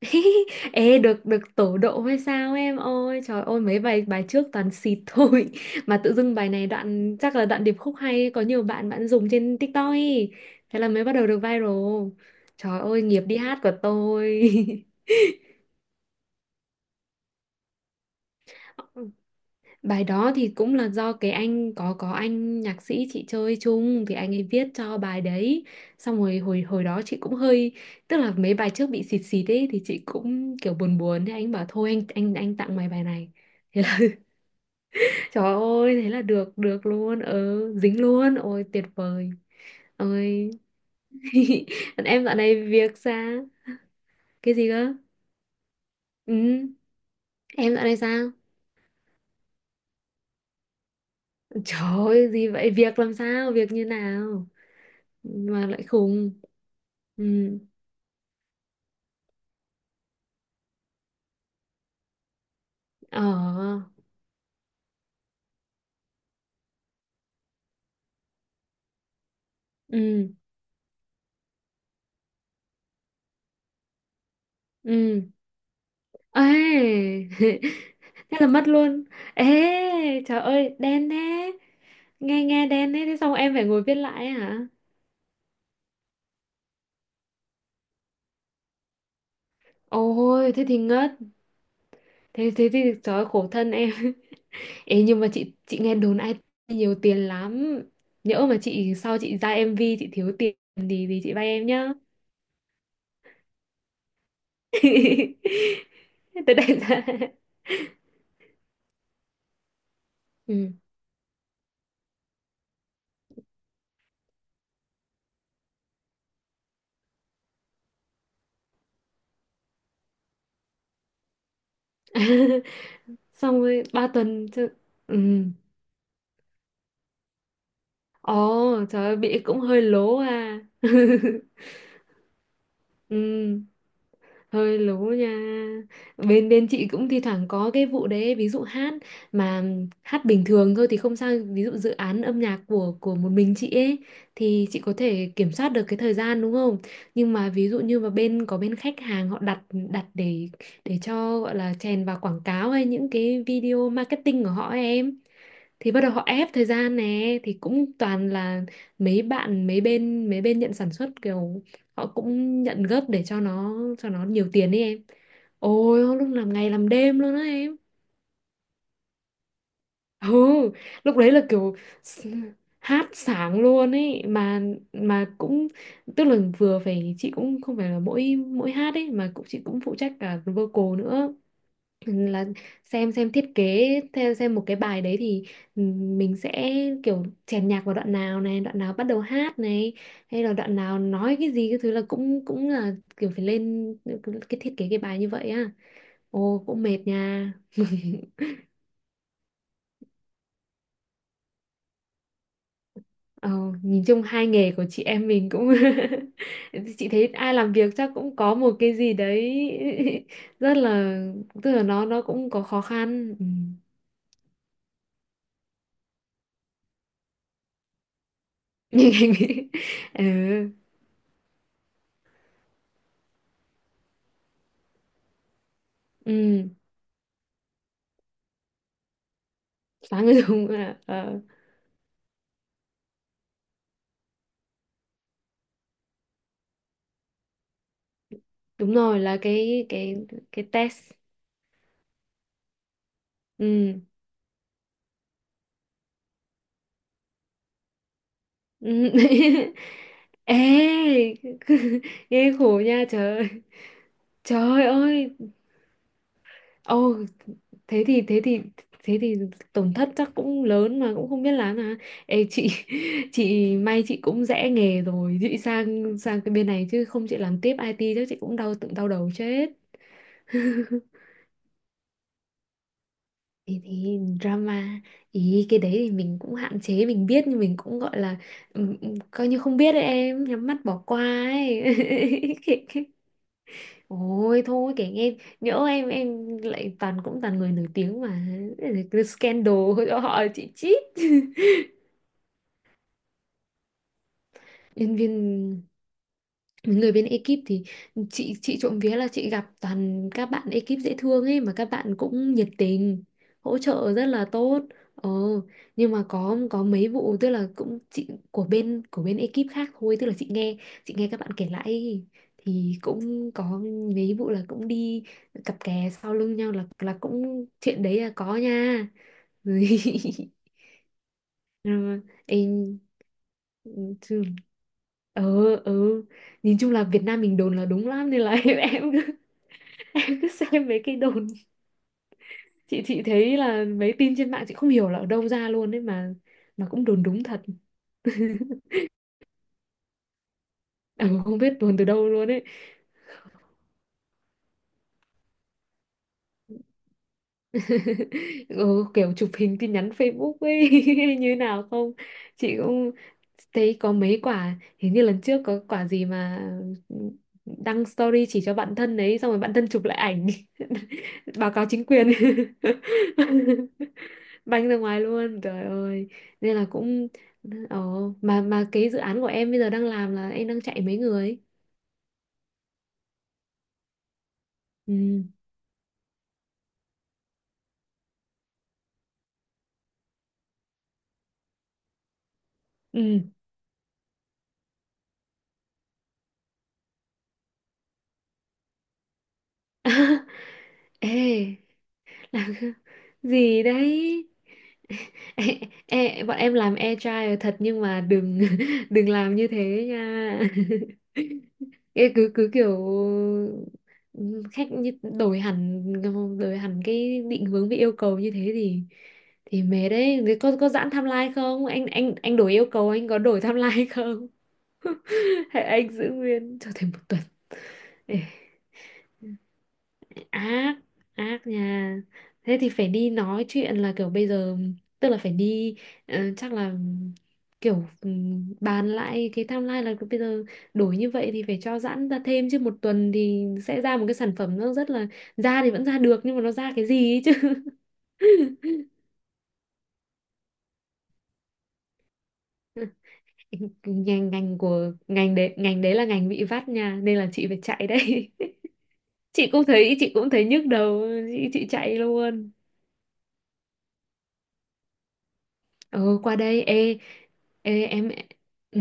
Ê, được được tổ độ hay sao em ơi? Trời ơi, mấy bài bài trước toàn xịt thôi. Mà tự dưng bài này đoạn, chắc là đoạn điệp khúc hay, có nhiều bạn bạn dùng trên TikTok ấy. Thế là mới bắt đầu được viral. Trời ơi, nghiệp đi hát của tôi. Bài đó thì cũng là do cái anh, có anh nhạc sĩ chị chơi chung, thì anh ấy viết cho bài đấy. Xong rồi hồi hồi đó chị cũng hơi, tức là mấy bài trước bị xịt xịt ấy, thì chị cũng kiểu buồn buồn. Thế anh bảo thôi, anh tặng mày bài này. Thế là, trời ơi, thế là được luôn, ừ, dính luôn, ôi tuyệt vời. Ôi. Còn em dạo này việc sao? Cái gì cơ? Ừ, em dạo này sao? Trời ơi, gì vậy? Việc làm sao? Việc như nào? Mà lại khùng. Ừ, ờ, ừ, ừ. Ê. Thế là mất luôn. Ê, trời ơi, đen thế. Nghe nghe đen thế, thế xong em phải ngồi viết lại hả? Ôi, thế thì ngất. Thế thế thì trời ơi, khổ thân em. Ê, nhưng mà chị nghe đồn ai nhiều tiền lắm, nhỡ mà chị sau chị ra MV chị thiếu tiền thì chị vay em nhá. Tới đây ra, ừ. Xong rồi 3 tuần chứ. Ừ. Ồ, trời ơi, bị cũng hơi lố à. Ừ. Hơi lố nha. Bên bên chị cũng thi thoảng có cái vụ đấy, ví dụ hát, mà hát bình thường thôi thì không sao. Ví dụ dự án âm nhạc của một mình chị ấy thì chị có thể kiểm soát được cái thời gian, đúng không? Nhưng mà ví dụ như mà bên có bên khách hàng họ đặt đặt để cho gọi là chèn vào quảng cáo hay những cái video marketing của họ ấy em, thì bắt đầu họ ép thời gian nè, thì cũng toàn là mấy bên nhận sản xuất, kiểu họ cũng nhận gấp để cho nó nhiều tiền ấy em. Ôi, lúc làm ngày làm đêm luôn á em. Ừ. Lúc đấy là kiểu s- hát sáng luôn ấy mà. Mà cũng, tức là vừa phải, chị cũng không phải là mỗi mỗi hát ấy mà cũng, chị cũng phụ trách cả vocal nữa. Ừ, là xem thiết kế theo xem một cái bài đấy thì mình sẽ kiểu chèn nhạc vào đoạn nào này, đoạn nào bắt đầu hát này, hay là đoạn nào nói cái gì, cái thứ là cũng cũng là kiểu phải lên cái thiết kế cái bài như vậy á. Ồ, cũng mệt nha. ờ, Nhìn chung hai nghề của chị em mình cũng chị thấy ai làm việc chắc cũng có một cái gì đấy rất là, tức là nó cũng có khó khăn. Ừ. Ừ. Ừ. Phá người dùng à? Ờ, Đúng rồi, là cái test. Ừ. Ừ. Ê. Nghe khổ nha trời trời ơi. Ồ, thế thì thế thì thế thì tổn thất chắc cũng lớn, mà cũng không biết làm à. Ê chị, chị may, chị cũng rẽ nghề rồi, chị sang sang cái bên này, chứ không chị làm tiếp IT chắc chị cũng đau, tự đau đầu chết. Thì drama ý, cái đấy thì mình cũng hạn chế, mình biết nhưng mình cũng gọi là, coi như không biết đấy em, nhắm mắt bỏ qua ấy. Kệ- Ôi thôi kể nghe, nhỡ em lại toàn cũng toàn người nổi tiếng mà. Cái scandal cho họ chị chít. Nhân viên, người bên ekip thì chị trộm vía là chị gặp toàn các bạn ekip dễ thương ấy, mà các bạn cũng nhiệt tình hỗ trợ rất là tốt. Ờ, nhưng mà có mấy vụ, tức là cũng chị của bên ekip khác thôi, tức là chị nghe các bạn kể lại ấy, thì cũng có mấy vụ là cũng đi cặp kè sau lưng nhau, là cũng chuyện đấy là có nha. Ừ. Ê. Ừ, chứ. Ừ, ừ. Nhìn chung là Việt Nam mình đồn là đúng lắm, nên là, em cứ xem mấy cái đồn, chị thấy là mấy tin trên mạng chị không hiểu là ở đâu ra luôn ấy mà cũng đồn đúng thật. Ừ, không biết đồn từ đâu luôn ấy. Ừ, kiểu chụp hình tin nhắn Facebook ấy, hay như nào không? Chị cũng thấy có mấy quả, hình như lần trước có quả gì mà đăng story chỉ cho bạn thân đấy, xong rồi bạn thân chụp lại ảnh báo cáo chính quyền, banh ra ngoài luôn, trời ơi. Nên là cũng, ồ, mà cái dự án của em bây giờ đang làm là em đang chạy mấy người. Ừ. Ừ. Ê. Gì đấy. e, e, Bọn em làm agile thật nhưng mà đừng, đừng làm như thế nha. Ê, cứ cứ kiểu khách như đổi hẳn, cái định hướng với yêu cầu như thế thì mệt đấy. Thế có giãn timeline không? Anh đổi yêu cầu anh có đổi timeline không? Hay anh giữ nguyên cho thêm một tuần? Ê, ác, ác nha. Thế thì phải đi nói chuyện là kiểu bây giờ, tức là phải đi, chắc là kiểu, bàn lại cái timeline là bây giờ đổi như vậy thì phải cho giãn ra thêm, chứ một tuần thì sẽ ra một cái sản phẩm nó rất là, ra thì vẫn ra được nhưng mà nó ra cái gì ấy chứ. ngành ngành của ngành đấy là ngành bị vắt nha, nên là chị phải chạy đấy. Chị cũng thấy nhức đầu. Chị chạy luôn. Ừ, qua đây. Ê, ê em, ừ,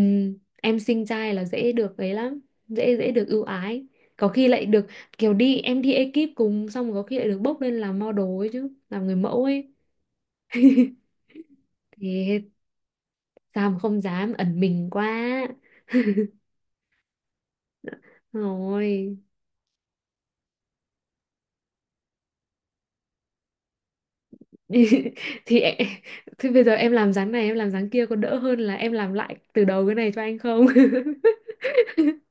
em sinh trai là dễ được ấy lắm, dễ dễ được ưu ái, có khi lại được, kiểu đi em đi ekip cùng xong có khi lại được bốc lên làm model ấy chứ, làm người mẫu ấy. Thì sao mà không dám? Ẩn mình quá rồi. thì em- thì bây giờ em làm dáng này em làm dáng kia có đỡ hơn là em làm lại từ đầu cái này cho anh không?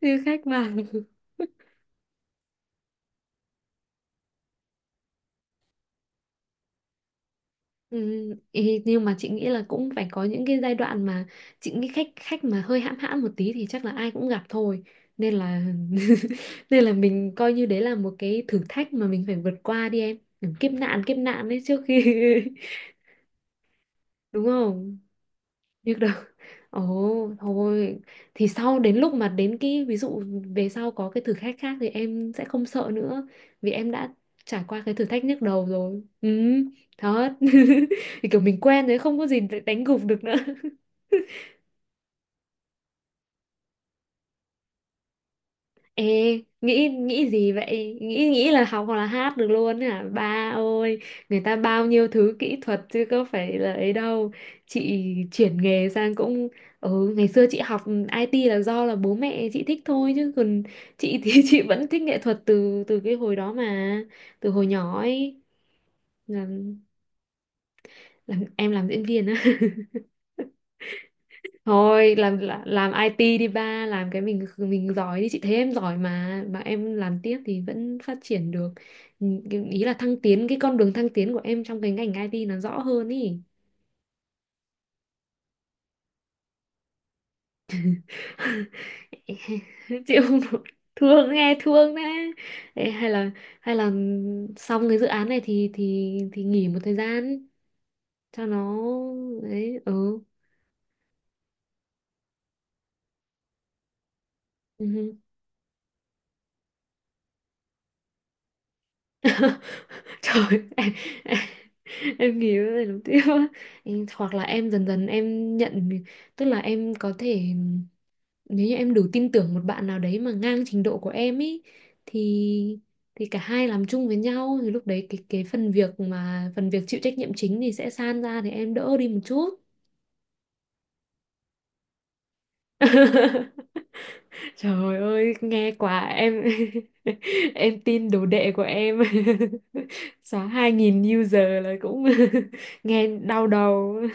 Như khách vào. Ừ, nhưng mà chị nghĩ là cũng phải có những cái giai đoạn mà, chị nghĩ khách khách mà hơi hãm hãm một tí thì chắc là ai cũng gặp thôi, nên là, nên là mình coi như đấy là một cái thử thách mà mình phải vượt qua đi em, kiểu kiếp nạn đấy trước khi đúng không? Biết đâu, ồ, thôi, thì sau đến lúc mà đến cái ví dụ về sau có cái thử thách khác thì em sẽ không sợ nữa, vì em đã trải qua cái thử thách nhức đầu rồi. Ừ, thật. Thì kiểu mình quen rồi, không có gì để đánh gục được nữa. Ê, nghĩ nghĩ gì vậy? Nghĩ nghĩ là học hoặc là hát được luôn hả? Ba ơi, người ta bao nhiêu thứ kỹ thuật chứ có phải là ấy đâu. Chị chuyển nghề sang cũng, ngày xưa chị học IT là do là bố mẹ chị thích thôi, chứ còn chị thì chị vẫn thích nghệ thuật từ từ cái hồi đó mà, từ hồi nhỏ ấy. Làm, làm em làm diễn viên á. Thôi làm làm IT đi ba, làm cái mình giỏi đi, chị thấy em giỏi mà em làm tiếp thì vẫn phát triển được. Ừ, ý là thăng tiến, cái con đường thăng tiến của em trong cái ngành IT nó rõ hơn ý. Chịu không nổi. Thương, nghe thương đấy. Ê, hay là xong cái dự án này thì nghỉ một thời gian cho nó, đấy, ừ. Ừ. Trời, em, em, em nghĩ cái này đầu tiên á. Hoặc là em dần dần em nhận, tức là em có thể, nếu như em đủ tin tưởng một bạn nào đấy mà ngang trình độ của em ý thì thì cả hai làm chung với nhau thì lúc đấy cái phần việc chịu trách nhiệm chính thì sẽ san ra thì em đỡ đi một chút. Trời ơi, nghe quả em. Em tin đồ đệ của em. Xóa 2.000 user là cũng nghe đau đầu.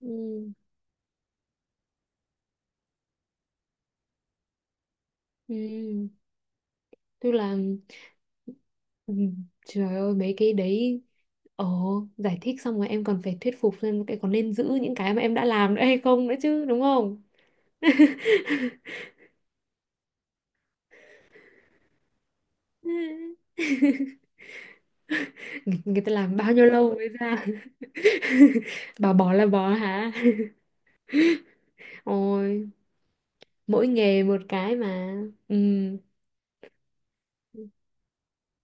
Ừ, ừ, tức là ừ, trời ơi mấy cái đấy. Ồ, giải thích xong rồi em còn phải thuyết phục xem cái có nên giữ những cái mà em đã làm nữa hay không nữa chứ, đúng không? Người ta làm bao nhiêu lâu mới ra. Bà bỏ là bỏ hả? Ôi, mỗi nghề một cái mà. Ừ.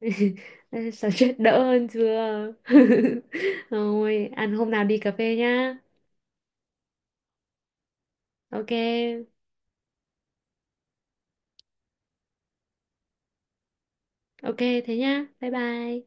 Sao, chết đỡ hơn chưa? Thôi ăn hôm nào đi cà phê nhá. Ok. Ok. Thế nhá, bye bye.